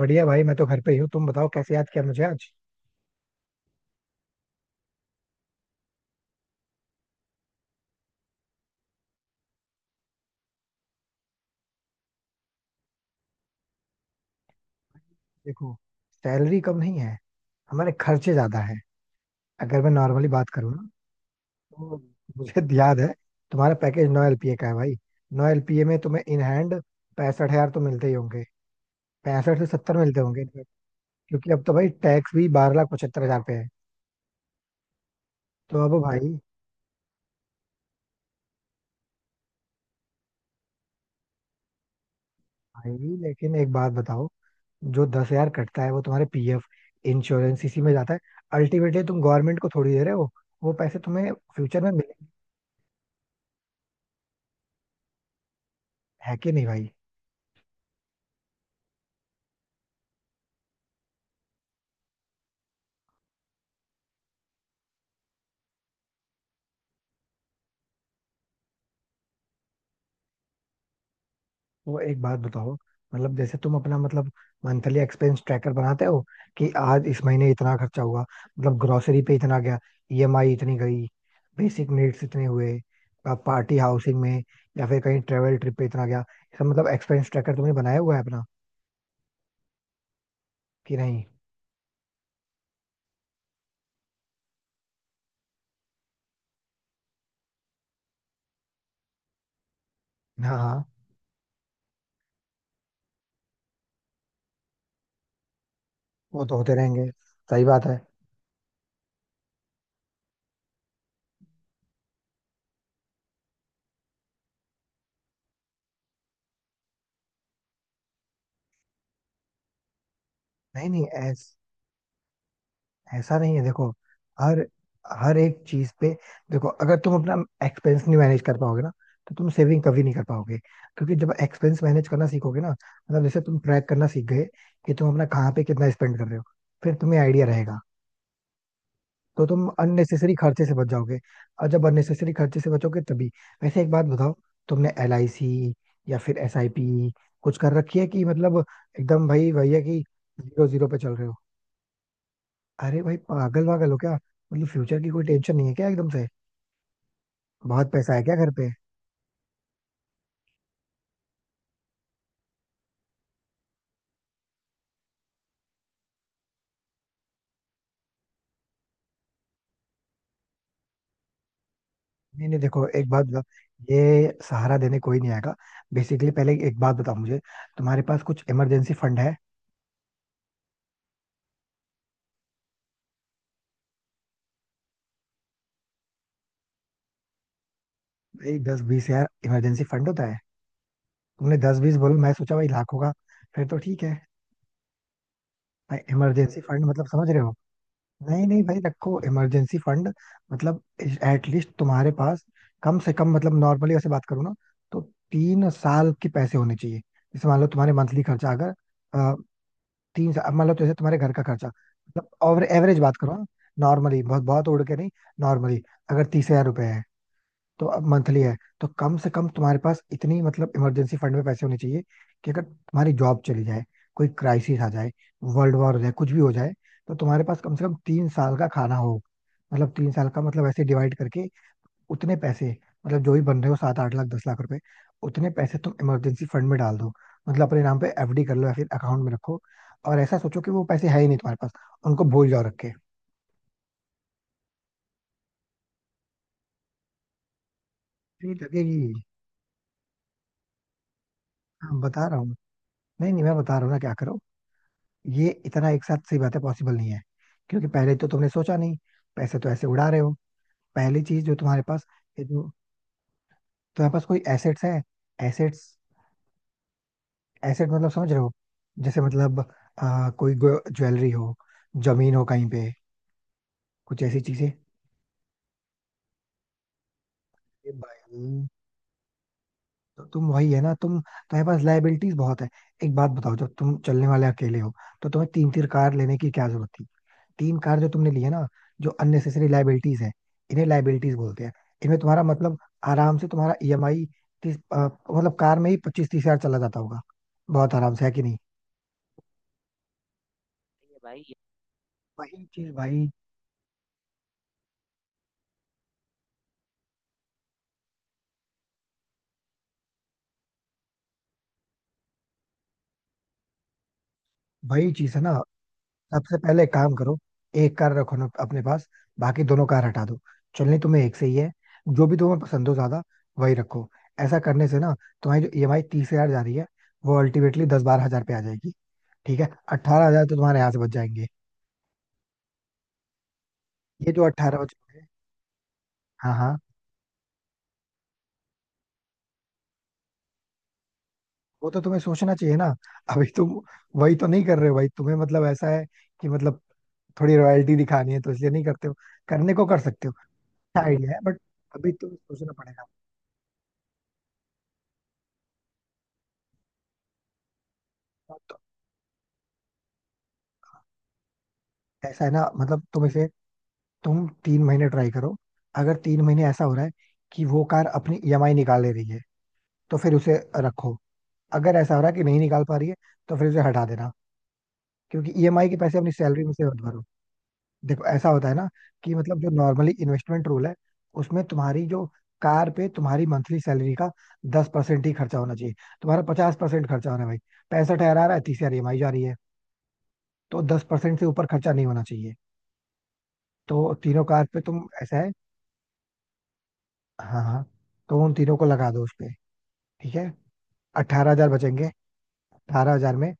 बढ़िया भाई, मैं तो घर पे ही हूँ। तुम बताओ, कैसे याद किया मुझे आज? देखो, सैलरी कम नहीं है। हमारे खर्चे ज्यादा है। अगर मैं नॉर्मली बात करूँ ना, तो मुझे याद है। तुम्हारा पैकेज 9 एलपीए का है भाई। 9 एलपीए में तुम्हें इन हैंड 65,000 तो मिलते ही होंगे। 65 से 70 मिलते होंगे। क्योंकि अब तो भाई टैक्स भी 12,75,000 पे है। तो अब भाई। भाई, लेकिन एक बात बताओ, जो 10,000 कटता है वो तुम्हारे पीएफ, इंश्योरेंस इसी में जाता है। अल्टीमेटली तुम गवर्नमेंट को थोड़ी दे रहे हो, वो पैसे तुम्हें फ्यूचर में। है कि नहीं भाई? वो एक बात बताओ, मतलब जैसे तुम अपना, मतलब मंथली एक्सपेंस ट्रैकर बनाते हो, कि आज इस महीने इतना खर्चा हुआ, मतलब ग्रोसरी पे इतना गया, ईएमआई इतनी गई, बेसिक नीड्स इतने हुए, पार्टी हाउसिंग में, या फिर कहीं ट्रेवल ट्रिप पे इतना गया। इसका मतलब एक्सपेंस ट्रैकर तुमने बनाया हुआ है अपना, कि नहीं? हाँ, हाँ। वो तो होते रहेंगे। सही बात है। नहीं, नहीं, ऐस ऐसा नहीं है, देखो। हर हर एक चीज पे। देखो, अगर तुम अपना एक्सपेंस नहीं मैनेज कर पाओगे ना, तो तुम सेविंग कभी नहीं कर पाओगे। क्योंकि जब एक्सपेंस मैनेज करना सीखोगे ना, मतलब जैसे तुम ट्रैक करना सीख गए, कि तुम अपना कहाँ पे कितना स्पेंड कर रहे हो, फिर तुम्हें आइडिया रहेगा। तो तुम अननेसेसरी खर्चे से बच जाओगे, और जब अननेसेसरी खर्चे से बचोगे तभी। वैसे एक बात बताओ, तुमने एल आई सी या फिर एस आई पी कुछ कर रखी है कि मतलब, एकदम भाई भैया कि जीरो जीरो पे चल रहे हो? अरे भाई, पागल वागल हो क्या? मतलब फ्यूचर की कोई टेंशन नहीं है क्या एकदम से? बहुत पैसा है क्या घर पे? नहीं, नहीं, देखो, एक बात बताओ, ये सहारा देने कोई नहीं आएगा। बेसिकली पहले एक बात बताओ मुझे, तुम्हारे पास कुछ इमरजेंसी फंड है? भाई, दस बीस यार इमरजेंसी फंड होता है? तुमने 10-20 बोलो, मैं सोचा भाई लाख होगा। फिर तो ठीक है। भाई, इमरजेंसी फंड मतलब समझ रहे हो? नहीं, नहीं, भाई, रखो इमरजेंसी फंड। मतलब एटलीस्ट तुम्हारे पास, कम से कम, मतलब नॉर्मली ऐसे बात करूँ ना, तो 3 साल के पैसे होने चाहिए। जैसे मान लो तुम्हारे मंथली खर्चा अगर, अ, 3 साल मान लो, जैसे तुम्हारे घर का खर्चा मतलब, और एवरेज बात करो, नॉर्मली, बहुत बहुत उड़ के नहीं, नॉर्मली, अगर 30,000 रुपए है, तो अब मंथली है, तो कम से कम तुम्हारे पास इतनी, मतलब इमरजेंसी फंड में पैसे होने चाहिए, कि अगर तुम्हारी जॉब चली जाए, कोई क्राइसिस आ जाए, वर्ल्ड वॉर हो जाए, कुछ भी हो जाए, तो तुम्हारे पास कम से कम 3 साल का खाना हो। मतलब 3 साल का, मतलब ऐसे डिवाइड करके, उतने पैसे, मतलब जो भी बन रहे हो, 7-8 लाख, 10 लाख रुपए, उतने पैसे तुम इमरजेंसी फंड में डाल दो, मतलब अपने नाम पे एफडी कर लो, या फिर अकाउंट में रखो। और ऐसा सोचो कि वो पैसे है ही नहीं तुम्हारे पास, उनको भूल जाओ रख के। नहीं लगेगी। हाँ, बता रहा हूँ। नहीं, नहीं, मैं बता रहा हूँ ना क्या करो। ये इतना एक साथ, सही बात है, पॉसिबल नहीं है, क्योंकि पहले तो तुमने सोचा नहीं, पैसे तो ऐसे उड़ा रहे हो। पहली चीज, जो तुम्हारे पास, ये जो तुम्हारे पास कोई एसेट्स है, एसेट्स, एसेट मतलब समझ रहे हो, जैसे मतलब, कोई ज्वेलरी हो, जमीन हो कहीं पे, कुछ ऐसी चीजें। ये भाई, तो तुम वही है ना, तुम्हारे पास लाइबिलिटीज बहुत है। एक बात बताओ, जब तुम चलने वाले अकेले हो, तो तुम्हें तीन तीन कार लेने की क्या जरूरत? तीन कार जो तुमने ली है ना, जो अननेसेसरी लाइबिलिटीज है, इन्हें लाइबिलिटीज बोलते हैं। इनमें तुम्हारा मतलब, आराम से तुम्हारा ईएमआई तीस, मतलब कार में ही 25-30 हजार चला जाता होगा। बहुत आराम से है कि नहीं? ये भाई, ये वही चीज भाई, वही चीज है ना। सबसे पहले एक काम करो, एक कार रखो ना अपने पास, बाकी दोनों कार हटा दो। चलनी तुम्हें एक से ही है, जो भी तुम्हें पसंद हो ज्यादा, वही रखो। ऐसा करने से ना, तुम्हारी जो ईएमआई 30,000 जा रही है, वो अल्टीमेटली 10-12 हजार पे आ जाएगी। ठीक है? 18,000 तो तुम्हारे यहाँ से बच जाएंगे। ये जो 18 बच्चे हैं। हाँ, हाँ। वो तो तुम्हें सोचना चाहिए ना। अभी तुम वही तो नहीं कर रहे हो भाई, तुम्हें मतलब ऐसा है कि, मतलब थोड़ी रॉयल्टी दिखानी है तो इसलिए नहीं करते हो, करने को कर सकते हो। अच्छा आइडिया है, बट अभी तुम्हें सोचना पड़ेगा। तो ऐसा है ना, मतलब तुम इसे, तुम 3 महीने ट्राई करो। अगर 3 महीने ऐसा हो रहा है कि वो कार अपनी ईएमआई निकाल ले रही है, तो फिर उसे रखो। अगर ऐसा हो रहा है कि नहीं निकाल पा रही है, तो फिर उसे हटा देना। क्योंकि ईएमआई के पैसे अपनी सैलरी में से मत भरो। देखो, ऐसा होता है ना, कि मतलब जो नॉर्मली इन्वेस्टमेंट रूल है, उसमें तुम्हारी जो कार पे तुम्हारी मंथली सैलरी का 10% ही खर्चा होना चाहिए, तुम्हारा 50% खर्चा हो रहा है भाई। 65,000 आ रहा है, 30,000 ईएमआई जा रही है, तो 10% से ऊपर खर्चा नहीं होना चाहिए। तो तीनों कार पे तुम, ऐसा है। हाँ, हाँ। तो उन तीनों को लगा दो उस पे। ठीक है, अट्ठारह हजार बचेंगे। 18,000 में,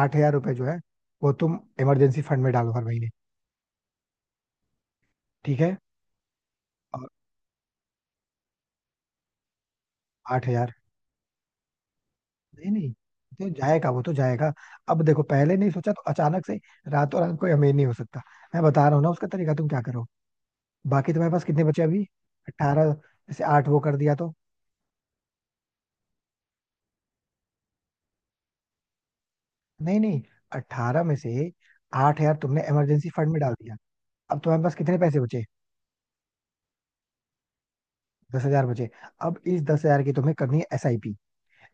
8,000 रुपए जो है, वो तुम इमरजेंसी फंड में डालो हर महीने। ठीक है, और 8,000। नहीं, नहीं, तो जाएगा वो तो जाएगा। अब देखो, पहले नहीं सोचा, तो अचानक से रातों रात कोई अमीर नहीं हो सकता। मैं बता रहा हूँ ना उसका तरीका, तुम क्या करो। बाकी तुम्हारे पास कितने बचे अभी? 18। जैसे आठ वो कर दिया तो, नहीं, नहीं, अट्ठारह में से 8,000 तुमने इमरजेंसी फंड में डाल दिया। अब तुम्हारे पास कितने पैसे बचे? 10,000 बचे। अब इस 10,000 की तुम्हें करनी है S I P.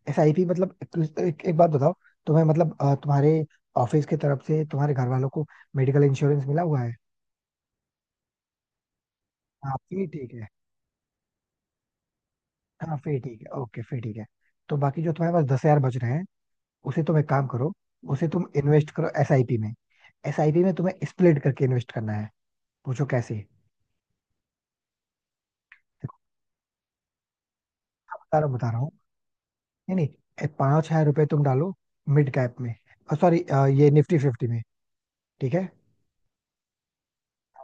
S I P मतलब, एक बात बताओ, तुम्हें मतलब, तुम्हारे ऑफिस की तरफ से तुम्हारे घर वालों को मेडिकल इंश्योरेंस मिला हुआ है? हाँ, फिर ठीक है। हाँ, फिर ठीक है, ओके, फिर ठीक है। तो बाकी जो तुम्हारे पास 10,000 बच रहे हैं, उसे तुम एक काम करो, उसे तुम इन्वेस्ट करो एसआईपी में। एसआईपी में तुम्हें स्प्लिट करके इन्वेस्ट करना है, पूछो कैसे। देखो, मैं बता रहा हूँ, बता रहा हूँ, नहीं, नहीं, 5,000 रुपए तुम डालो मिड कैप में, सॉरी, ये निफ्टी फिफ्टी में, ठीक है?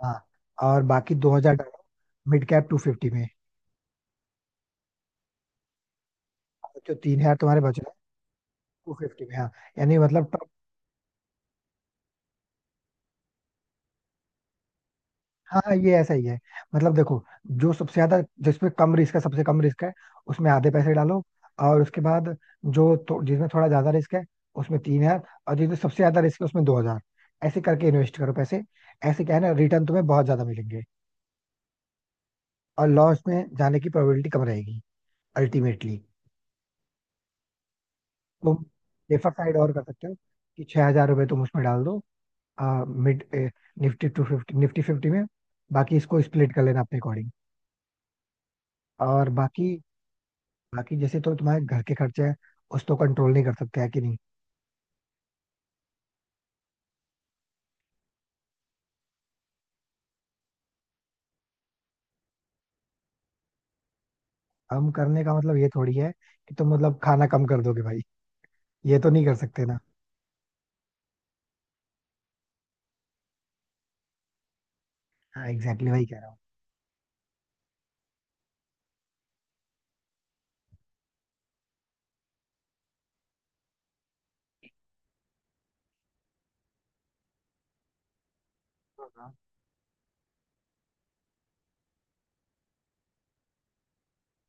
हाँ, और बाकी 2,000 डालो मिड कैप टू फिफ्टी में। और जो 3,000 तुम्हारे बच रहे हैं, टू फिफ्टी में, हाँ, यानी मतलब, हाँ, ये ऐसा ही है। मतलब देखो, जो सबसे ज्यादा जिसमें कम रिस्क है, सबसे कम रिस्क है, उसमें आधे पैसे डालो। और उसके बाद जिसमें थोड़ा ज्यादा रिस्क है, उसमें 3,000। और जिसमें सबसे ज्यादा रिस्क है, उसमें 2,000। ऐसे करके इन्वेस्ट करो पैसे, ऐसे क्या है ना, रिटर्न तुम्हें बहुत ज्यादा मिलेंगे, और लॉस में जाने की प्रोबेबिलिटी कम रहेगी अल्टीमेटली। तुम सेफर साइड और कर सकते हो, कि 6,000 रुपये तुम उसमें डाल दो, mid, Nifty two fifty, Nifty fifty में, बाकी इसको स्प्लिट कर लेना अपने अकॉर्डिंग। और बाकी, बाकी जैसे तो तुम्हारे घर के खर्चे हैं, उस तो कंट्रोल नहीं कर सकते है कि नहीं? कम करने का मतलब ये थोड़ी है कि तुम मतलब खाना कम कर दोगे भाई। ये तो नहीं कर सकते ना। हाँ, एग्जैक्टली वही कह रहा हूँ। हाँ,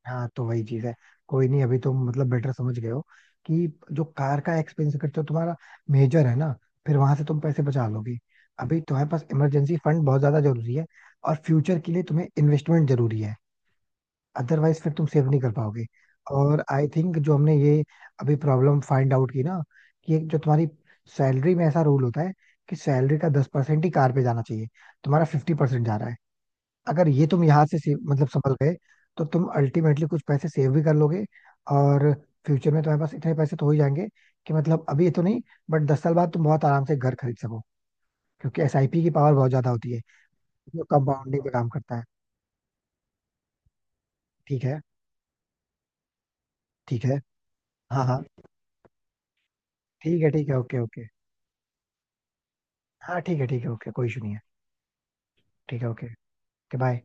हाँ। तो वही चीज है। कोई नहीं, अभी तुम मतलब बेटर समझ गए हो कि जो कार का एक्सपेंस खर्चा तुम्हारा मेजर है ना, फिर वहां से तुम पैसे बचा लोगे। अभी तुम्हारे पास इमरजेंसी फंड बहुत ज्यादा जरूरी है, और फ्यूचर के लिए तुम्हें इन्वेस्टमेंट जरूरी है, अदरवाइज फिर तुम सेव नहीं कर पाओगे। और आई थिंक जो हमने ये अभी प्रॉब्लम फाइंड आउट की ना, कि एक जो तुम्हारी सैलरी में ऐसा रूल होता है, कि सैलरी का दस परसेंट ही कार पे जाना चाहिए, तुम्हारा 50% जा रहा है। अगर ये तुम यहाँ से मतलब संभल गए, तो तुम अल्टीमेटली कुछ पैसे सेव भी कर लोगे, और फ्यूचर में तुम्हारे पास इतने पैसे तो हो ही जाएंगे, कि मतलब अभी तो नहीं, बट 10 साल बाद तुम बहुत आराम से घर खरीद सको, क्योंकि एसआईपी की पावर बहुत ज्यादा होती है जो कंपाउंडिंग पे काम करता है। ठीक है, ठीक है। हाँ, हाँ। ठीक है, ठीक है, ओके, ओके। हाँ, ठीक है, ठीक है, ओके, कोई इशू नहीं है। ठीक है, ओके, ओके, बाय।